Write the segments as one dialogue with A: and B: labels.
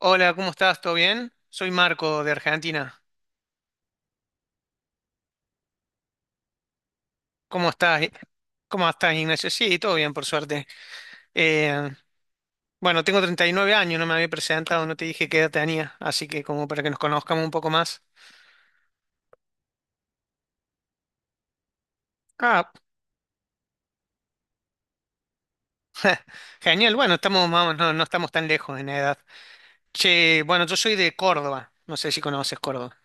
A: Hola, ¿cómo estás? ¿Todo bien? Soy Marco de Argentina. ¿Cómo estás? ¿Cómo estás, Ignacio? Sí, todo bien, por suerte. Eh, bueno, tengo 39 años, no me había presentado, no te dije qué edad tenía, así que como para que nos conozcamos un poco más. Ah, genial, bueno, estamos, vamos, no, no estamos tan lejos en edad. Che, bueno, yo soy de Córdoba, no sé si conoces Córdoba.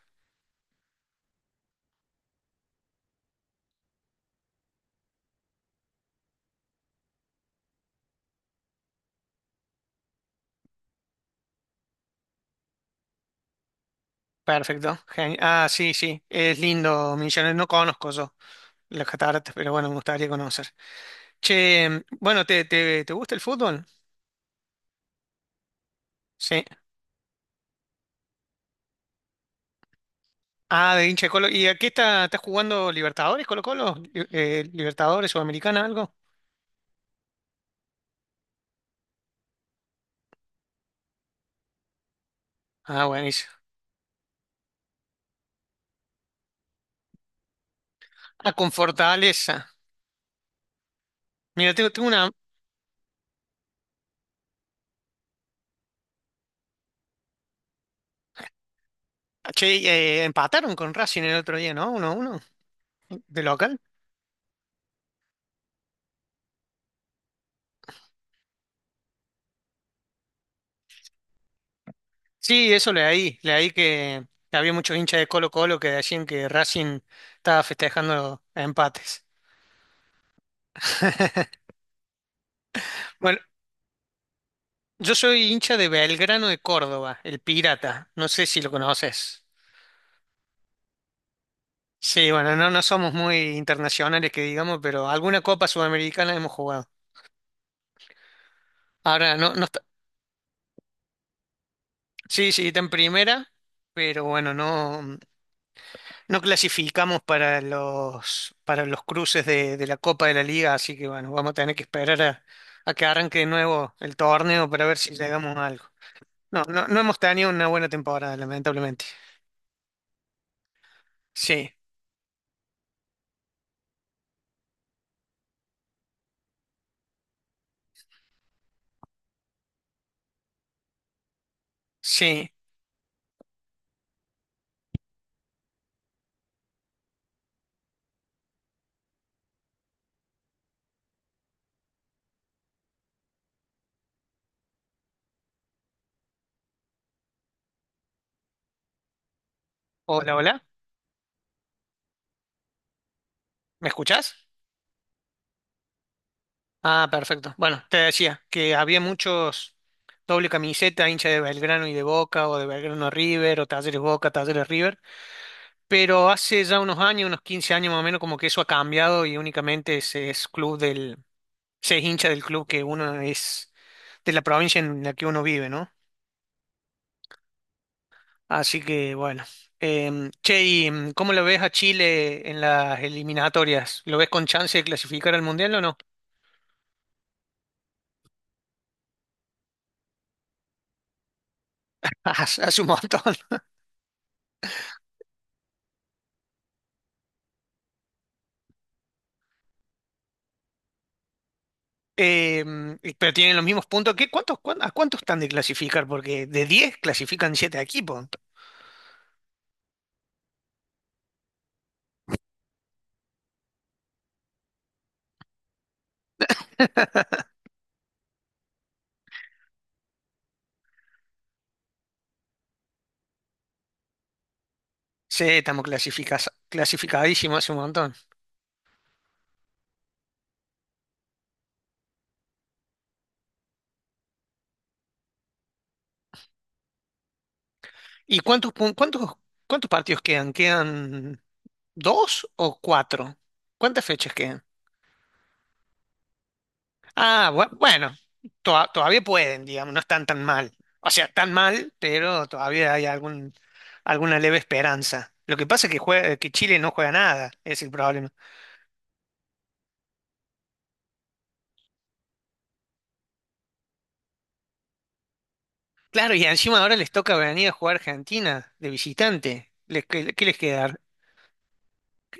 A: Perfecto, ah, sí, sí, es lindo, Misiones, no conozco yo las cataratas, pero bueno, me gustaría conocer. Che, bueno, ¿te gusta el fútbol? Sí. Ah, de hincha de Colo. ¿Y aquí está jugando Libertadores, Colo Colo? Libertadores, Sudamericana, algo. Ah, buenísimo. Ah, con Fortaleza. Mira, tengo una. Che, empataron con Racing el otro día, no, 1-1, de local. Sí, eso leí. Leí que había muchos hinchas de Colo Colo que decían que Racing estaba festejando empates. Bueno, yo soy hincha de Belgrano de Córdoba, el Pirata. No sé si lo conoces. Sí, bueno, no, no somos muy internacionales que digamos, pero alguna Copa Sudamericana hemos jugado. Ahora, no, no está, sí, sí, está en primera, pero bueno, no, no clasificamos para los cruces de la Copa de la Liga, así que bueno, vamos a tener que esperar a que arranque de nuevo el torneo para ver si llegamos a algo. No, no, no hemos tenido una buena temporada, lamentablemente. Sí, sí. Hola, hola. ¿Me escuchás? Ah, perfecto. Bueno, te decía que había muchos doble camiseta, hincha de Belgrano y de Boca, o de Belgrano a River, o Talleres Boca, Talleres River, pero hace ya unos años, unos 15 años más o menos, como que eso ha cambiado y únicamente se es club del, se es hincha del club que uno es, de la provincia en la que uno vive, ¿no? Así que bueno. Che, ¿y cómo lo ves a Chile en las eliminatorias? ¿Lo ves con chance de clasificar al Mundial o no? Hace un montón. Eh, pero tienen los mismos puntos. ¿A cuántos están de clasificar? Porque de 10 clasifican siete equipos. Sí, estamos clasificas- clasificadísimos hace un montón. ¿Y cuántos partidos quedan? ¿Quedan dos o cuatro? ¿Cuántas fechas quedan? Ah, bueno, todavía pueden, digamos, no están tan mal. O sea, tan mal, pero todavía hay alguna leve esperanza. Lo que pasa es que, que Chile no juega nada, es el problema. Claro, y encima ahora les toca venir a jugar a Argentina de visitante. ¿Qué les queda?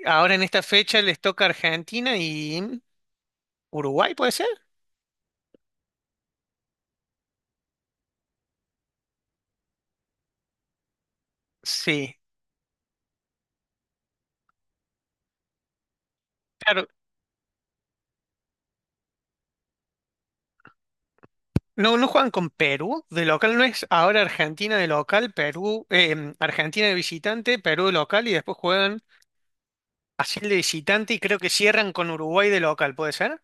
A: Ahora en esta fecha les toca Argentina y Uruguay, ¿puede ser? Sí, claro. No, no juegan con Perú de local, no es ahora Argentina de local, Perú, Argentina de visitante, Perú de local y después juegan así de visitante y creo que cierran con Uruguay de local, ¿puede ser?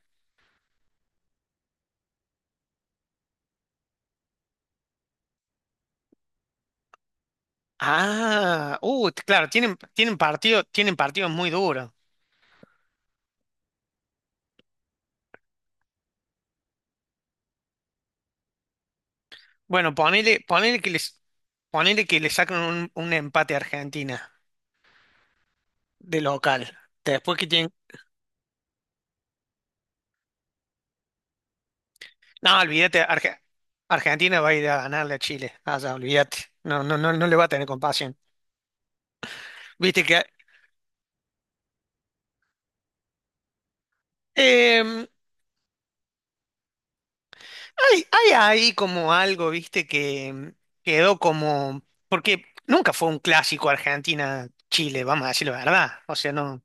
A: Ah, t- claro, tienen, tienen partido, tienen partidos muy duros. Bueno, ponele que le sacan un empate a Argentina de local. Después que tienen. No, olvídate, Arge- Argentina va a ir a ganarle a Chile. Ah, ya, olvídate. No, no, no, no le va a tener compasión. Viste que em, hay ahí como algo, viste, que quedó como. Porque nunca fue un clásico Argentina-Chile, vamos a decir la verdad. O sea, no.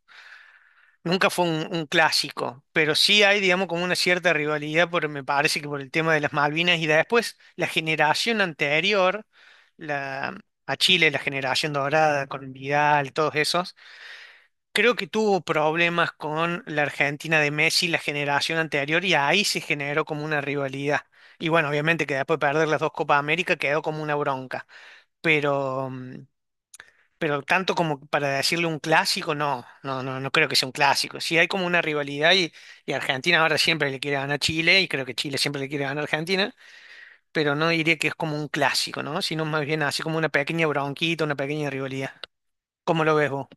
A: Nunca fue un clásico, pero sí hay, digamos, como una cierta rivalidad, me parece que por el tema de las Malvinas y de después la generación anterior, la, a Chile, la generación dorada con Vidal, todos esos, creo que tuvo problemas con la Argentina de Messi, la generación anterior, y ahí se generó como una rivalidad. Y bueno, obviamente que después de perder las dos Copas América quedó como una bronca, pero pero tanto como para decirle un clásico, no, no, no, no creo que sea un clásico. Sí hay como una rivalidad y Argentina ahora siempre le quiere ganar a Chile y creo que Chile siempre le quiere ganar a Argentina, pero no diría que es como un clásico, ¿no? Sino más bien así como una pequeña bronquita, una pequeña rivalidad. ¿Cómo lo ves vos?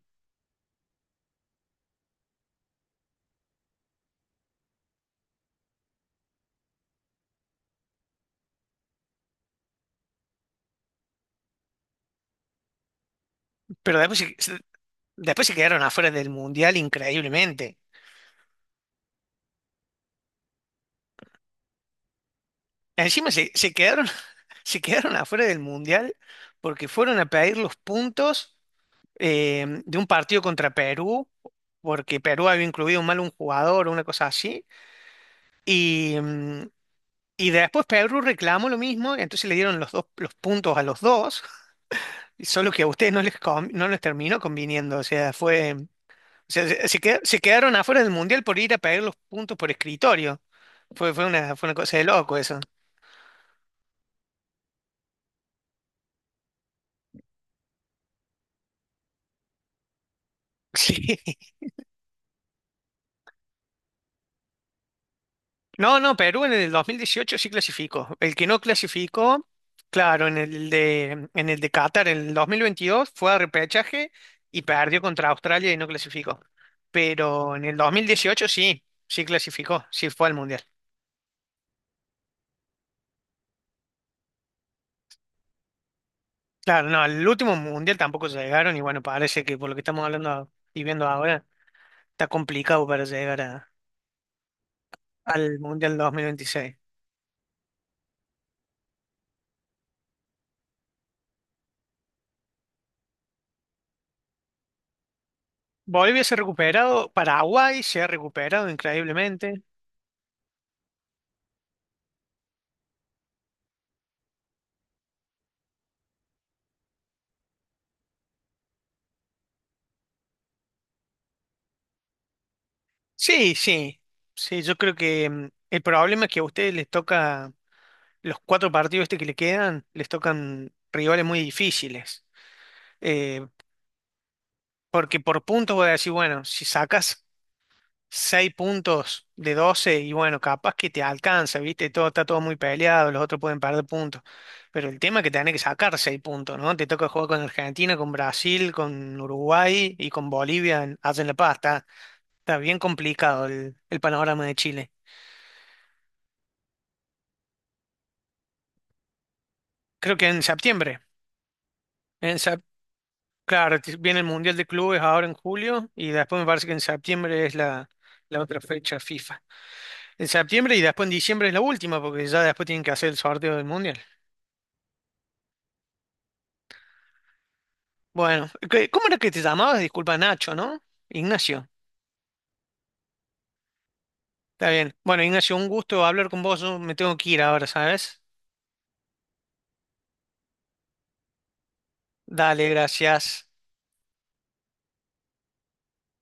A: Pero después se quedaron afuera del Mundial increíblemente. Encima se quedaron, se quedaron afuera del Mundial porque fueron a pedir los puntos de un partido contra Perú, porque Perú había incluido mal un jugador o una cosa así. Y, mm, y después Perú reclamó lo mismo, entonces le dieron los dos los puntos a los dos, y solo que a ustedes no les terminó conviniendo. O sea, fue. O sea, se quedaron afuera del Mundial por ir a pedir los puntos por escritorio. Fue una cosa de loco eso. Sí. No, no, Perú en el 2018 sí clasificó. El que no clasificó, claro, en en el de Qatar, en el 2022 fue a repechaje y perdió contra Australia y no clasificó. Pero en el 2018 sí, sí clasificó, sí fue al Mundial. Claro, no, el último Mundial tampoco llegaron y bueno, parece que por lo que estamos hablando y viendo ahora, está complicado para llegar al Mundial 2026. Bolivia se ha recuperado, Paraguay se ha recuperado increíblemente. Sí, sí, sí, yo creo que el problema es que a ustedes les toca, los cuatro partidos este que le quedan, les tocan rivales muy difíciles. Eh, porque por puntos voy a decir, bueno, si sacas seis puntos de 12 y bueno, capaz que te alcanza, ¿viste? Todo, está todo muy peleado, los otros pueden perder puntos. Pero el tema es que tenés que sacar seis puntos, ¿no? Te toca jugar con Argentina, con Brasil, con Uruguay y con Bolivia, allá en La Paz. Está bien complicado el panorama de Chile. Creo que en septiembre. En sep- claro, viene el Mundial de Clubes ahora en julio y después me parece que en septiembre es la, la otra fecha FIFA. En septiembre y después en diciembre es la última porque ya después tienen que hacer el sorteo del Mundial. Bueno, ¿cómo era que te llamabas? Disculpa, Nacho, ¿no? Ignacio. Está bien. Bueno, Ignacio, un gusto hablar con vos. Yo me tengo que ir ahora, ¿sabes? Dale, gracias.